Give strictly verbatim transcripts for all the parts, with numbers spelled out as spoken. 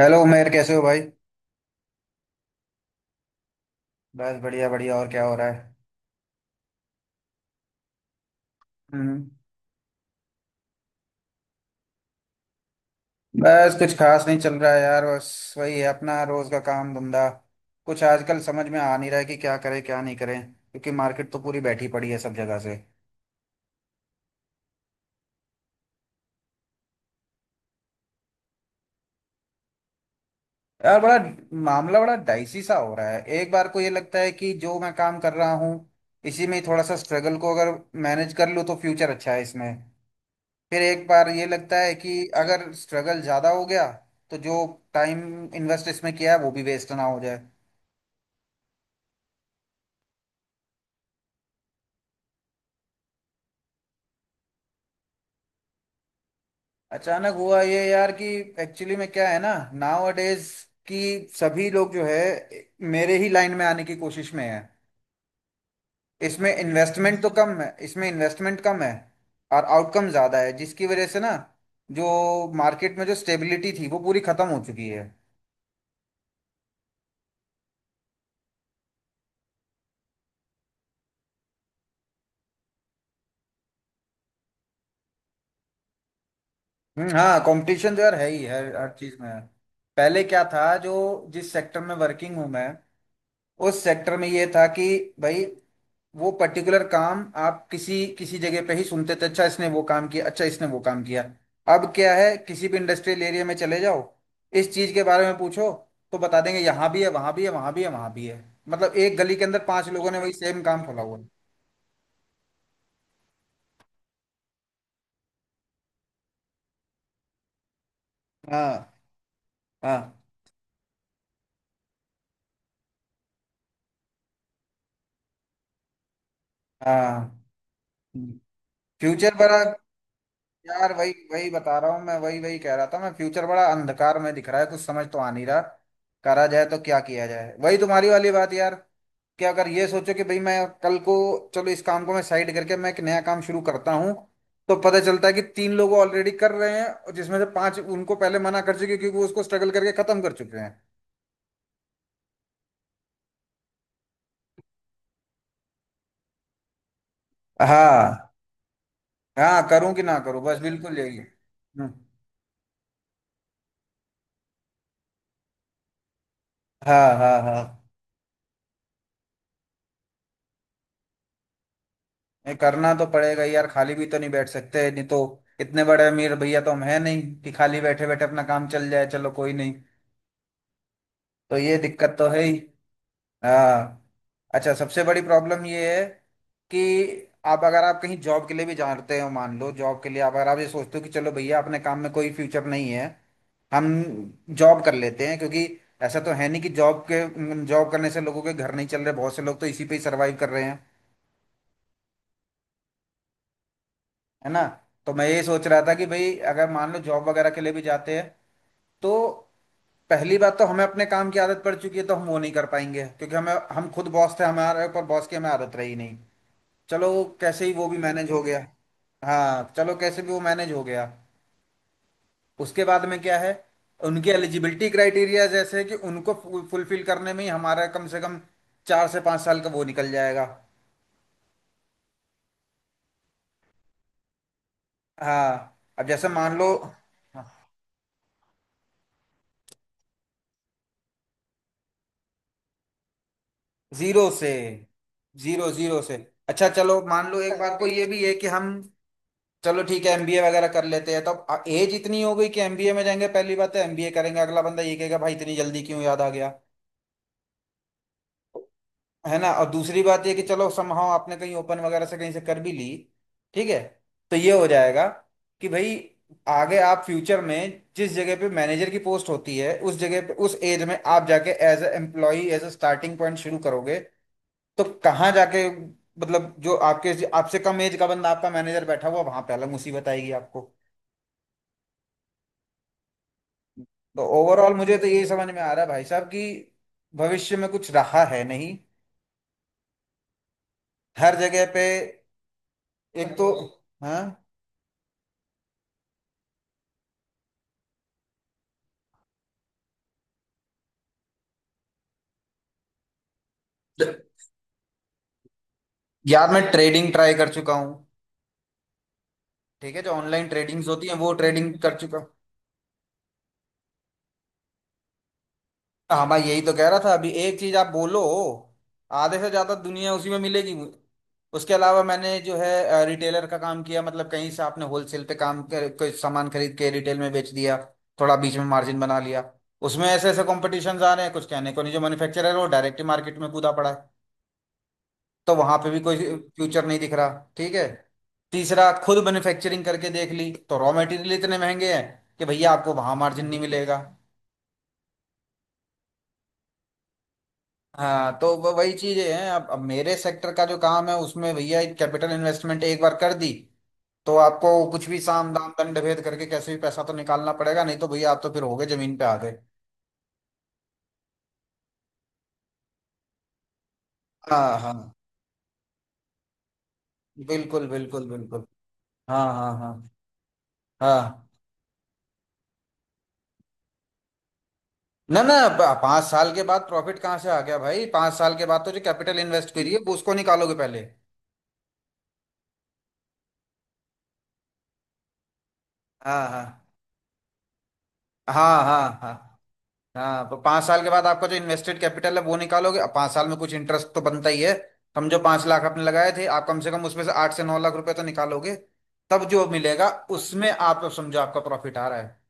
Hello Umer, कैसे हो भाई? बस बढ़िया बढ़िया, और क्या हो रहा है? हम्म। बस कुछ खास नहीं चल रहा है यार, बस वही है अपना रोज का काम धंधा। कुछ आजकल समझ में आ नहीं रहा है कि क्या करें क्या नहीं करें, क्योंकि मार्केट तो पूरी बैठी पड़ी है सब जगह से। यार बड़ा मामला बड़ा डाइसी सा हो रहा है। एक बार को ये लगता है कि जो मैं काम कर रहा हूँ, इसी में ही थोड़ा सा स्ट्रगल को अगर मैनेज कर लूँ तो फ्यूचर अच्छा है इसमें। फिर एक बार ये लगता है कि अगर स्ट्रगल ज़्यादा हो गया तो जो टाइम इन्वेस्ट इसमें किया है वो भी वेस्ट ना हो जाए। अचानक हुआ ये यार कि एक्चुअली में क्या है ना, नाउ अडेज कि सभी लोग जो है मेरे ही लाइन में आने की कोशिश में है। इसमें इन्वेस्टमेंट तो कम है, इसमें इन्वेस्टमेंट कम है और आउटकम ज़्यादा है, जिसकी वजह से ना जो मार्केट में जो स्टेबिलिटी थी वो पूरी ख़त्म हो चुकी है। हम्म, हाँ, कंपटीशन तो यार है ही, हर हर चीज़ में है। पहले क्या था जो, जिस सेक्टर में वर्किंग हूँ मैं, उस सेक्टर में ये था कि भाई वो पर्टिकुलर काम आप किसी किसी जगह पे ही सुनते थे, अच्छा इसने वो काम किया, अच्छा इसने वो काम किया। अब क्या है, किसी भी इंडस्ट्रियल एरिया में चले जाओ, इस चीज के बारे में पूछो, तो बता देंगे यहाँ भी है वहां भी है वहां भी है वहां भी है। मतलब एक गली के अंदर पांच लोगों ने वही सेम काम खोला हुआ है। हाँ हाँ हाँ। फ्यूचर बड़ा, यार वही वही बता रहा हूँ मैं, वही वही कह रहा था मैं, फ्यूचर बड़ा अंधकार में दिख रहा है। कुछ समझ तो आ नहीं रहा करा जाए तो क्या किया जाए, वही तुम्हारी वाली बात यार कि अगर ये सोचो कि भाई मैं कल को, चलो इस काम को मैं साइड करके मैं एक नया काम शुरू करता हूँ, तो पता चलता है कि तीन लोग ऑलरेडी कर रहे हैं, और जिसमें से पांच उनको पहले मना कर चुके क्योंकि वो उसको स्ट्रगल करके खत्म कर चुके हैं। हाँ हाँ, करूँ कि ना करूँ, बस बिल्कुल यही है। हम्म, हाँ हाँ हाँ। नहीं, करना तो पड़ेगा ही यार, खाली भी तो नहीं बैठ सकते, नहीं तो। इतने बड़े अमीर भैया तो हम है नहीं कि खाली बैठे बैठे अपना काम चल जाए, चलो कोई नहीं। तो ये दिक्कत तो है ही। हाँ। अच्छा, सबसे बड़ी प्रॉब्लम ये है कि आप, अगर आप कहीं जॉब के लिए भी जाते हो, मान लो जॉब के लिए आप, अगर आप ये सोचते हो कि चलो भैया अपने काम में कोई फ्यूचर नहीं है, हम जॉब कर लेते हैं, क्योंकि ऐसा तो है नहीं कि जॉब के, जॉब करने से लोगों के घर नहीं चल रहे, बहुत से लोग तो इसी पे ही सर्वाइव कर रहे हैं, है ना। तो मैं ये सोच रहा था कि भाई अगर मान लो जॉब वगैरह के लिए भी जाते हैं, तो पहली बात तो हमें अपने काम की आदत पड़ चुकी है, तो हम वो नहीं कर पाएंगे, क्योंकि हमें, हम खुद बॉस थे, हमारे ऊपर बॉस की हमें आदत रही नहीं। चलो कैसे ही वो भी मैनेज हो गया। हाँ, चलो कैसे भी वो मैनेज हो गया। उसके बाद में क्या है, उनकी एलिजिबिलिटी क्राइटेरिया जैसे है कि उनको फुलफिल करने में ही हमारा कम से कम चार से पाँच साल का वो निकल जाएगा। हाँ, अब जैसे मान लो, जीरो से, जीरो जीरो से अच्छा चलो मान लो, एक बात को ये भी है कि हम, चलो ठीक है एमबीए वगैरह कर लेते हैं, तो अब एज इतनी हो गई कि एमबीए में जाएंगे, पहली बात है एमबीए करेंगे, अगला बंदा ये कहेगा भाई इतनी जल्दी क्यों याद आ गया, है ना। और दूसरी बात ये कि चलो समहाउ आपने कहीं ओपन वगैरह से कहीं से कर भी ली, ठीक है, तो ये हो जाएगा कि भाई आगे आप फ्यूचर में जिस जगह पे मैनेजर की पोस्ट होती है, उस जगह पे उस एज में आप जाके as a employee, as a starting point शुरू करोगे। तो कहाँ जाके मतलब, जो आपके, आपसे कम एज का बंदा आपका मैनेजर बैठा हुआ वहां पे, अलग मुसीबत आएगी आपको। तो ओवरऑल मुझे तो यही समझ में आ रहा है भाई साहब, कि भविष्य में कुछ रहा है नहीं, हर जगह पे। एक तो, हाँ। यार मैं ट्रेडिंग ट्राई कर चुका हूँ, ठीक है, जो ऑनलाइन ट्रेडिंग्स होती हैं वो ट्रेडिंग कर चुका हूँ। हाँ मैं यही तो कह रहा था, अभी एक चीज आप बोलो, आधे से ज्यादा दुनिया उसी में मिलेगी। उसके अलावा मैंने जो है रिटेलर का काम किया, मतलब कहीं से आपने होलसेल पे काम कर, कोई सामान खरीद के रिटेल में बेच दिया, थोड़ा बीच में मार्जिन बना लिया। उसमें ऐसे ऐसे कॉम्पिटिशन आ रहे हैं कुछ कहने को नहीं, जो मैन्युफैक्चरर है वो डायरेक्ट मार्केट में कूदा पड़ा है, तो वहां पे भी कोई फ्यूचर नहीं दिख रहा। ठीक है, तीसरा, खुद मैन्युफैक्चरिंग करके देख ली, तो रॉ मटेरियल इतने महंगे हैं कि भैया आपको वहां मार्जिन नहीं मिलेगा। हाँ तो व- वही चीजें हैं। अब अब मेरे सेक्टर का जो काम है उसमें भैया एक कैपिटल इन्वेस्टमेंट एक बार कर दी तो आपको कुछ भी साम दाम दंड भेद करके कैसे भी पैसा तो निकालना पड़ेगा, नहीं तो भैया आप तो फिर हो गए, जमीन पे आ गए। हाँ हाँ, बिल्कुल बिल्कुल बिल्कुल। हाँ हाँ हाँ। हाँ ना ना, ब- पाँच साल के बाद प्रॉफिट कहाँ से आ गया भाई? पाँच साल के बाद तो जो कैपिटल इन्वेस्ट करी है वो उसको निकालोगे पहले। हाँ हाँ हाँ। हाँ हाँ हाँ। तो पाँच साल के बाद आपका जो इन्वेस्टेड कैपिटल है वो निकालोगे, अब पाँच साल में कुछ इंटरेस्ट तो बनता ही है। समझो पाँच लाख आपने लगाए थे, आप कम से कम उसमें से आठ से नौ लाख रुपए तो निकालोगे, तब जो मिलेगा उसमें आप समझो आपका प्रॉफिट आ रहा है।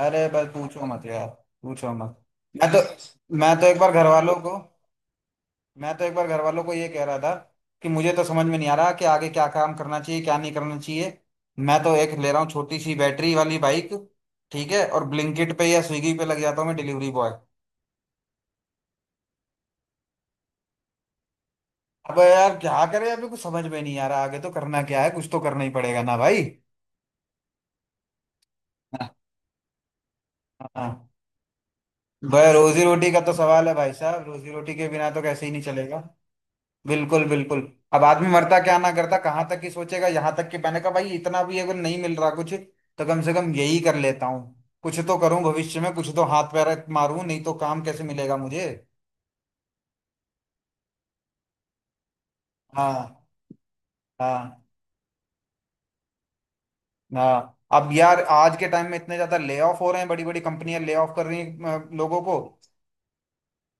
अरे बस पूछो मत यार, पूछो मत। मैं तो मैं तो एक बार घर वालों को, मैं तो एक बार घर वालों को ये कह रहा था कि मुझे तो समझ में नहीं आ रहा कि आगे क्या काम करना चाहिए क्या नहीं करना चाहिए। मैं तो एक ले रहा हूँ छोटी सी बैटरी वाली बाइक, ठीक है, और ब्लिंकिट पे या स्विगी पे लग जाता हूँ मैं डिलीवरी बॉय। अब यार क्या करें, अभी कुछ समझ में नहीं आ रहा, आगे तो करना क्या है, कुछ तो करना ही पड़ेगा ना भाई। हाँ, भाई रोजी रोटी का तो सवाल है भाई साहब, रोजी रोटी के बिना तो कैसे ही नहीं चलेगा। बिल्कुल बिल्कुल। अब आदमी मरता क्या ना करता, कहाँ तक ही सोचेगा, यहाँ तक कि मैंने कहा भाई इतना भी अगर नहीं मिल रहा कुछ तो कम से कम यही कर लेता हूँ, कुछ तो करूँ, भविष्य में कुछ तो हाथ पैर मारूं, नहीं तो काम कैसे मिलेगा मुझे। हाँ हाँ हाँ। अब यार आज के टाइम में इतने ज्यादा ले ऑफ हो रहे हैं, बड़ी बड़ी कंपनियां ले ऑफ कर रही हैं अ, लोगों को।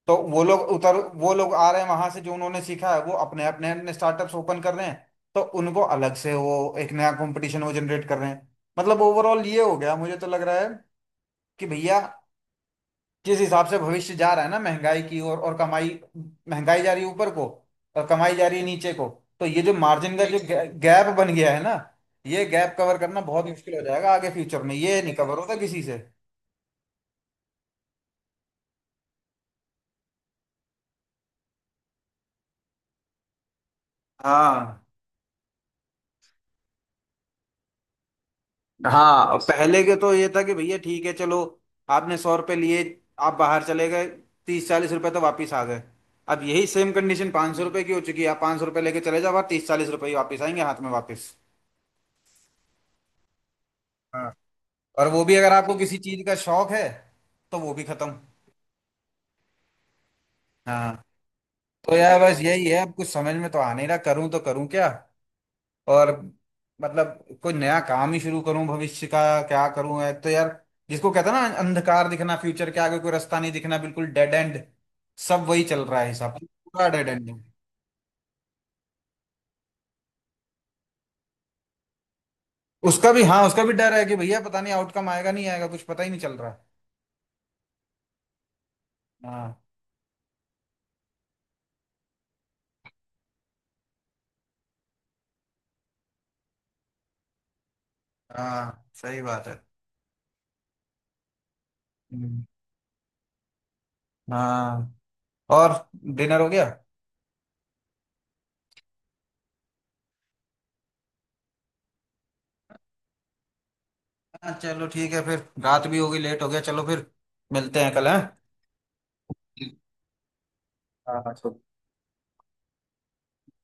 तो वो लोग उतर, वो लोग आ रहे हैं वहां से, जो उन्होंने सीखा है वो अपने अपने अपने स्टार्टअप्स ओपन कर रहे हैं, तो उनको अलग से वो एक नया कंपटीशन वो जनरेट कर रहे हैं। मतलब ओवरऑल ये हो गया मुझे तो लग रहा है कि भैया जिस हिसाब से भविष्य जा रहा है ना, महंगाई की ओर और कमाई, महंगाई जा रही है ऊपर को और कमाई जा रही है नीचे को। तो ये जो मार्जिन का जो बिल्कुल गैप बन गया है ना, ये गैप कवर करना बहुत बिल्कुल मुश्किल हो जाएगा आगे फ्यूचर में, ये नहीं कवर होता किसी से। हाँ हाँ। और पहले के तो ये था कि भैया ठीक है, चलो आपने सौ रुपये लिए, आप बाहर चले गए, तीस चालीस रुपए तो वापस आ गए। अब यही सेम कंडीशन पाँच सौ रुपये की हो चुकी है, आप पाँच सौ रुपये लेके चले जाओ, आप तीस चालीस रुपये ही वापस आएंगे हाथ में वापस। हाँ, और वो भी अगर आपको किसी चीज का शौक है तो वो भी खत्म। हाँ, तो यार बस यही है, अब कुछ समझ में तो आ नहीं रहा करूं तो करूं क्या। और मतलब कोई नया काम ही शुरू करूं भविष्य का, क्या करूं, है तो यार जिसको कहते हैं ना अंधकार दिखना, फ्यूचर के आगे कोई रास्ता नहीं दिखना, बिल्कुल डेड एंड। सब वही चल रहा है हिसाब से, पूरा डेड एंड है। उसका भी, हाँ उसका भी डर है कि भैया पता नहीं आउटकम आएगा नहीं आएगा, कुछ पता ही नहीं चल रहा है। हाँ हाँ, सही बात है। हम्म, हाँ। और डिनर हो गया? हाँ चलो ठीक है, फिर रात भी होगी लेट हो गया, चलो फिर मिलते हैं कल, हैं। हाँ हाँ।